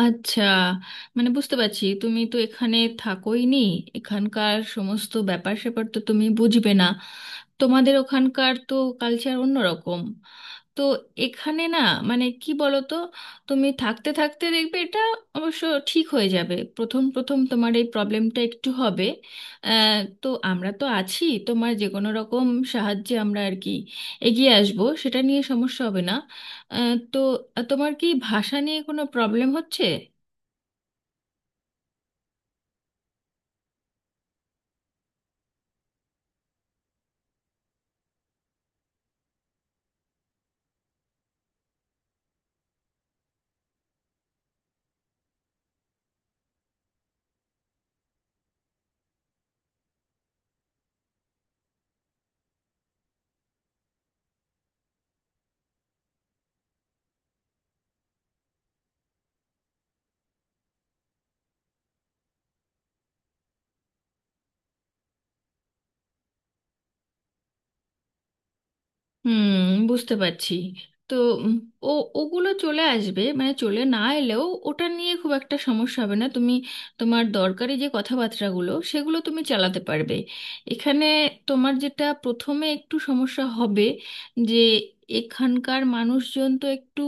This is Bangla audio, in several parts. আচ্ছা, মানে বুঝতে পারছি, তুমি তো এখানে থাকোই নি। এখানকার সমস্ত ব্যাপার স্যাপার তো তুমি বুঝবে না। তোমাদের ওখানকার তো কালচার অন্যরকম। তো এখানে না, মানে কি বলো তো, তুমি থাকতে থাকতে দেখবে এটা অবশ্য ঠিক হয়ে যাবে, প্রথম প্রথম তোমার এই প্রবলেমটা একটু হবে। তো আমরা তো আছি, তোমার যে কোনো রকম সাহায্যে আমরা আর কি এগিয়ে আসবো, সেটা নিয়ে সমস্যা হবে না। আহ, তো তোমার কি ভাষা নিয়ে কোনো প্রবলেম হচ্ছে? হুম, বুঝতে পারছি। তো উম, ও, ওগুলো চলে আসবে, মানে চলে না এলেও ওটা নিয়ে খুব একটা সমস্যা হবে না। তুমি তোমার দরকারি যে কথাবার্তাগুলো সেগুলো তুমি চালাতে পারবে এখানে। তোমার যেটা প্রথমে একটু সমস্যা হবে যে এখানকার মানুষজন তো একটু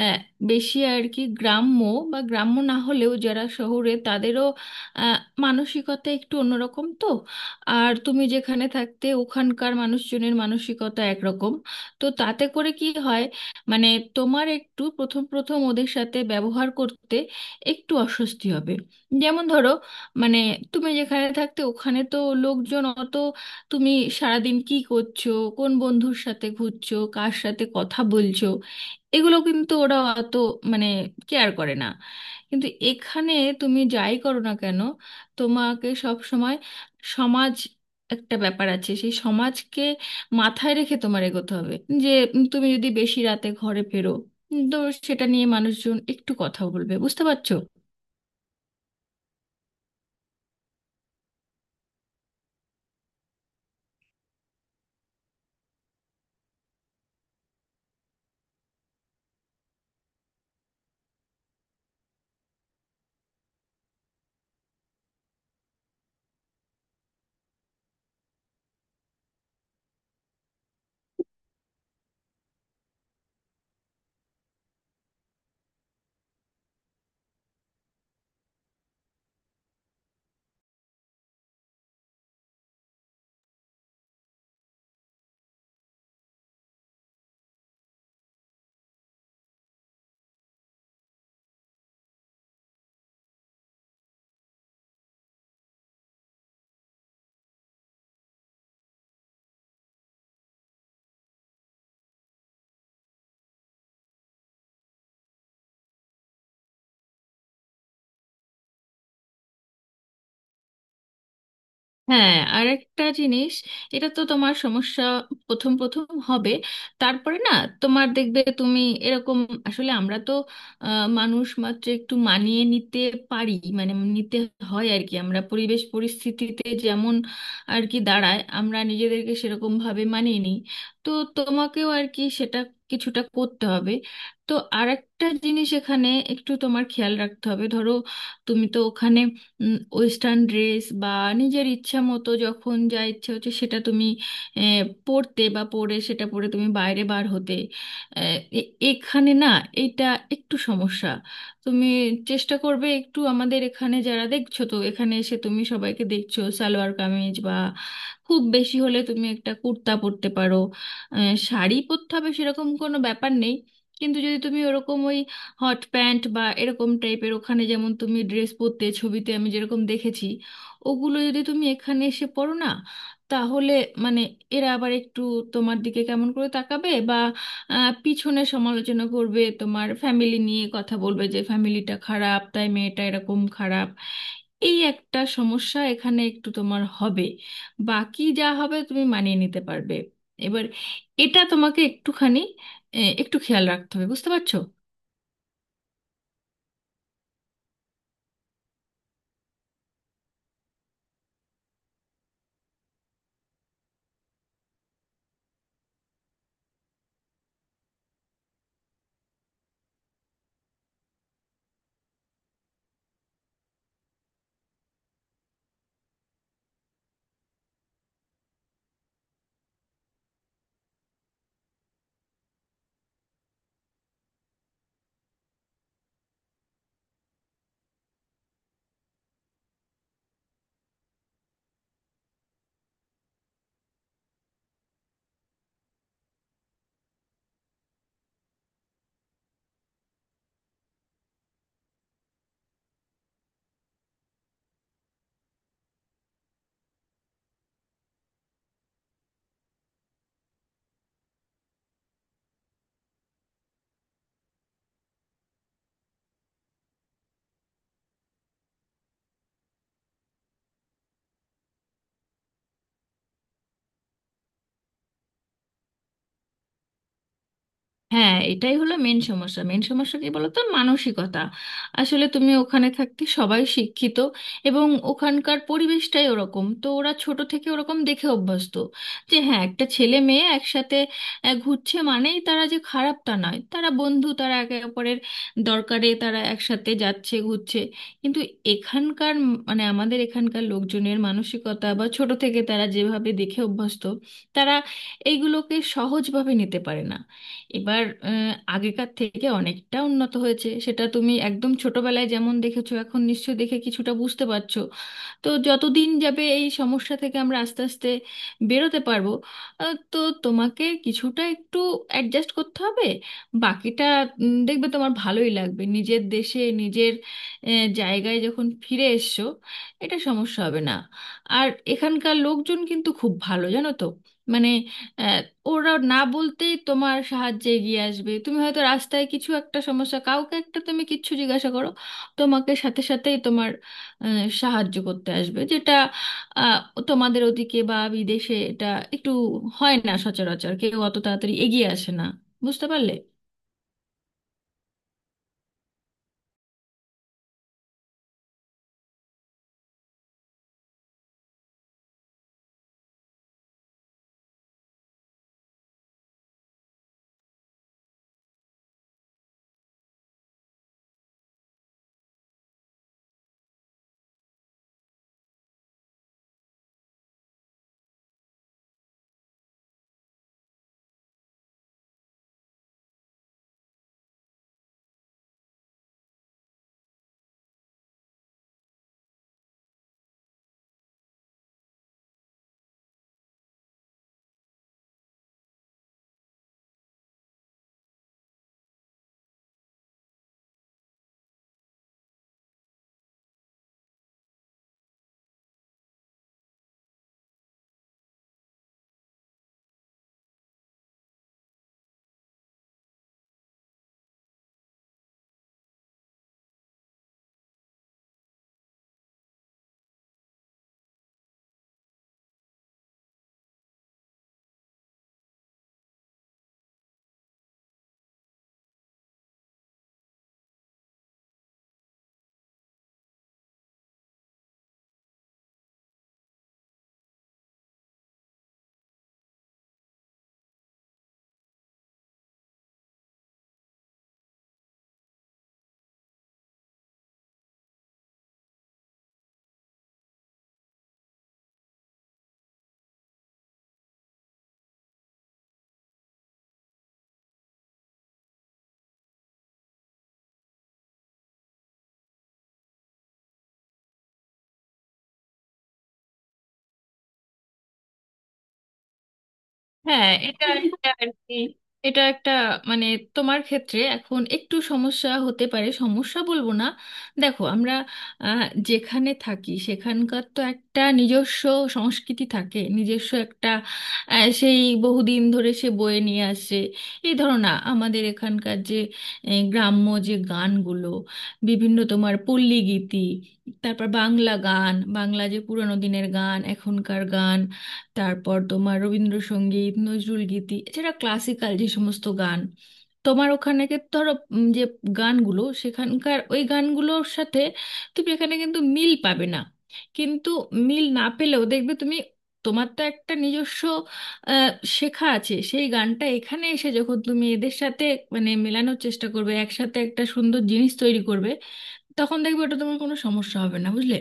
আহ, বেশি আর কি গ্রাম্য, বা গ্রাম্য না হলেও যারা শহরে তাদেরও আহ, মানসিকতা একটু অন্যরকম। তো আর তুমি যেখানে থাকতে ওখানকার মানুষজনের মানসিকতা একরকম। তো তাতে করে কি হয়, মানে তোমার একটু প্রথম প্রথম ওদের সাথে ব্যবহার করতে একটু অস্বস্তি হবে। যেমন ধরো, মানে তুমি যেখানে থাকতে ওখানে তো লোকজন অত, তুমি সারাদিন কি করছো, কোন বন্ধুর সাথে ঘুরছো, কার সাথে কথা বলছো, এগুলো কিন্তু ওরা অত, মানে, কেয়ার করে না। কিন্তু এখানে তুমি যাই করো না কেন, তোমাকে সব সমাজ, একটা ব্যাপার আছে সেই সমাজকে মাথায় রেখে তোমার এগোতে হবে। যে তুমি যদি বেশি রাতে ঘরে ফেরো, তো সেটা নিয়ে মানুষজন একটু কথা বলবে, বুঝতে পারছো? হ্যাঁ, আর একটা জিনিস, এটা তো তোমার সমস্যা প্রথম প্রথম হবে, তারপরে না তোমার দেখবে তুমি এরকম, আসলে আমরা তো মানুষ মাত্র একটু মানিয়ে নিতে পারি, মানে নিতে হয় আর কি। আমরা পরিবেশ পরিস্থিতিতে যেমন আর কি দাঁড়ায় আমরা নিজেদেরকে সেরকম ভাবে মানিয়ে নিই। তো তোমাকেও আর কি সেটা কিছুটা করতে হবে। তো আর একটা জিনিস এখানে একটু তোমার খেয়াল রাখতে হবে। ধরো তুমি তো ওখানে ওয়েস্টার্ন ড্রেস বা নিজের ইচ্ছা মতো যখন যা ইচ্ছে হচ্ছে সেটা তুমি আহ, পরতে, বা পরে সেটা পরে তুমি বাইরে বার হতে। এখানে না, এটা একটু সমস্যা। তুমি চেষ্টা করবে একটু, আমাদের এখানে যারা, দেখছো তো এখানে এসে তুমি সবাইকে দেখছো সালোয়ার কামিজ বা খুব বেশি হলে তুমি একটা কুর্তা পরতে পারো। শাড়ি পরতে হবে সেরকম কোনো ব্যাপার নেই। কিন্তু যদি তুমি ওরকম ওই হট প্যান্ট বা এরকম টাইপের, ওখানে যেমন তুমি ড্রেস পরতে ছবিতে আমি যেরকম দেখেছি, ওগুলো যদি তুমি এখানে এসে পরো না, তাহলে, মানে, এরা আবার একটু তোমার দিকে কেমন করে তাকাবে বা পিছনে সমালোচনা করবে, তোমার ফ্যামিলি নিয়ে কথা বলবে যে ফ্যামিলিটা খারাপ তাই মেয়েটা এরকম খারাপ। এই একটা সমস্যা এখানে একটু তোমার হবে, বাকি যা হবে তুমি মানিয়ে নিতে পারবে। এবার এটা তোমাকে একটুখানি একটু খেয়াল রাখতে হবে, বুঝতে পারছো? হ্যাঁ, এটাই হলো মেন সমস্যা। মেন সমস্যা কি বলতো, মানসিকতা। আসলে তুমি ওখানে থাকতে সবাই শিক্ষিত এবং ওখানকার পরিবেশটাই ওরকম, তো ওরা ছোট থেকে ওরকম দেখে অভ্যস্ত যে হ্যাঁ, একটা ছেলে মেয়ে একসাথে ঘুরছে মানেই তারা যে খারাপ তা নয়, তারা বন্ধু, তারা একে অপরের দরকারে তারা একসাথে যাচ্ছে, ঘুরছে। কিন্তু এখানকার মানে আমাদের এখানকার লোকজনের মানসিকতা বা ছোট থেকে তারা যেভাবে দেখে অভ্যস্ত, তারা এইগুলোকে সহজভাবে নিতে পারে না। এবার আগেকার থেকে অনেকটা উন্নত হয়েছে, সেটা তুমি একদম ছোটবেলায় যেমন দেখেছো এখন নিশ্চয়ই দেখে কিছুটা বুঝতে পারছো। তো যতদিন যাবে এই সমস্যা থেকে আমরা আস্তে আস্তে বেরোতে পারবো। তো তোমাকে কিছুটা একটু অ্যাডজাস্ট করতে হবে। বাকিটা দেখবে তোমার ভালোই লাগবে, নিজের দেশে নিজের জায়গায় যখন ফিরে এসছো, এটা সমস্যা হবে না। আর এখানকার লোকজন কিন্তু খুব ভালো, জানো তো। মানে আহ, ওরা না বলতেই তোমার সাহায্যে এগিয়ে আসবে। তুমি হয়তো রাস্তায় কিছু একটা সমস্যা, কাউকে একটা তুমি কিচ্ছু জিজ্ঞাসা করো, তোমাকে সাথে সাথেই তোমার সাহায্য করতে আসবে। যেটা আহ, তোমাদের ওদিকে বা বিদেশে এটা একটু হয় না, সচরাচর কেউ অত তাড়াতাড়ি এগিয়ে আসে না, বুঝতে পারলে? হ্যাঁ, এটা একটা আর কি, এটা একটা, মানে, তোমার ক্ষেত্রে এখন একটু সমস্যা হতে পারে, সমস্যা বলবো না। দেখো আমরা যেখানে থাকি সেখানকার তো একটা নিজস্ব সংস্কৃতি থাকে, নিজস্ব একটা সেই বহুদিন ধরে সে বয়ে নিয়ে আসে। এই ধরো না, আমাদের এখানকার যে গ্রাম্য যে গানগুলো, বিভিন্ন তোমার পল্লী গীতি, তারপর বাংলা গান, বাংলা যে পুরোনো দিনের গান, এখনকার গান, তারপর তোমার রবীন্দ্রসঙ্গীত, নজরুল গীতি, এছাড়া ক্লাসিক্যাল যে সমস্ত গান, তোমার ওখানে ধরো যে গানগুলো সেখানকার, ওই গানগুলোর সাথে তুমি এখানে কিন্তু মিল পাবে না। কিন্তু মিল না পেলেও দেখবে তুমি, তোমার তো একটা নিজস্ব আহ, শেখা আছে সেই গানটা, এখানে এসে যখন তুমি এদের সাথে, মানে, মেলানোর চেষ্টা করবে, একসাথে একটা সুন্দর জিনিস তৈরি করবে, তখন দেখবে ওটা তোমার কোনো সমস্যা হবে না, বুঝলে?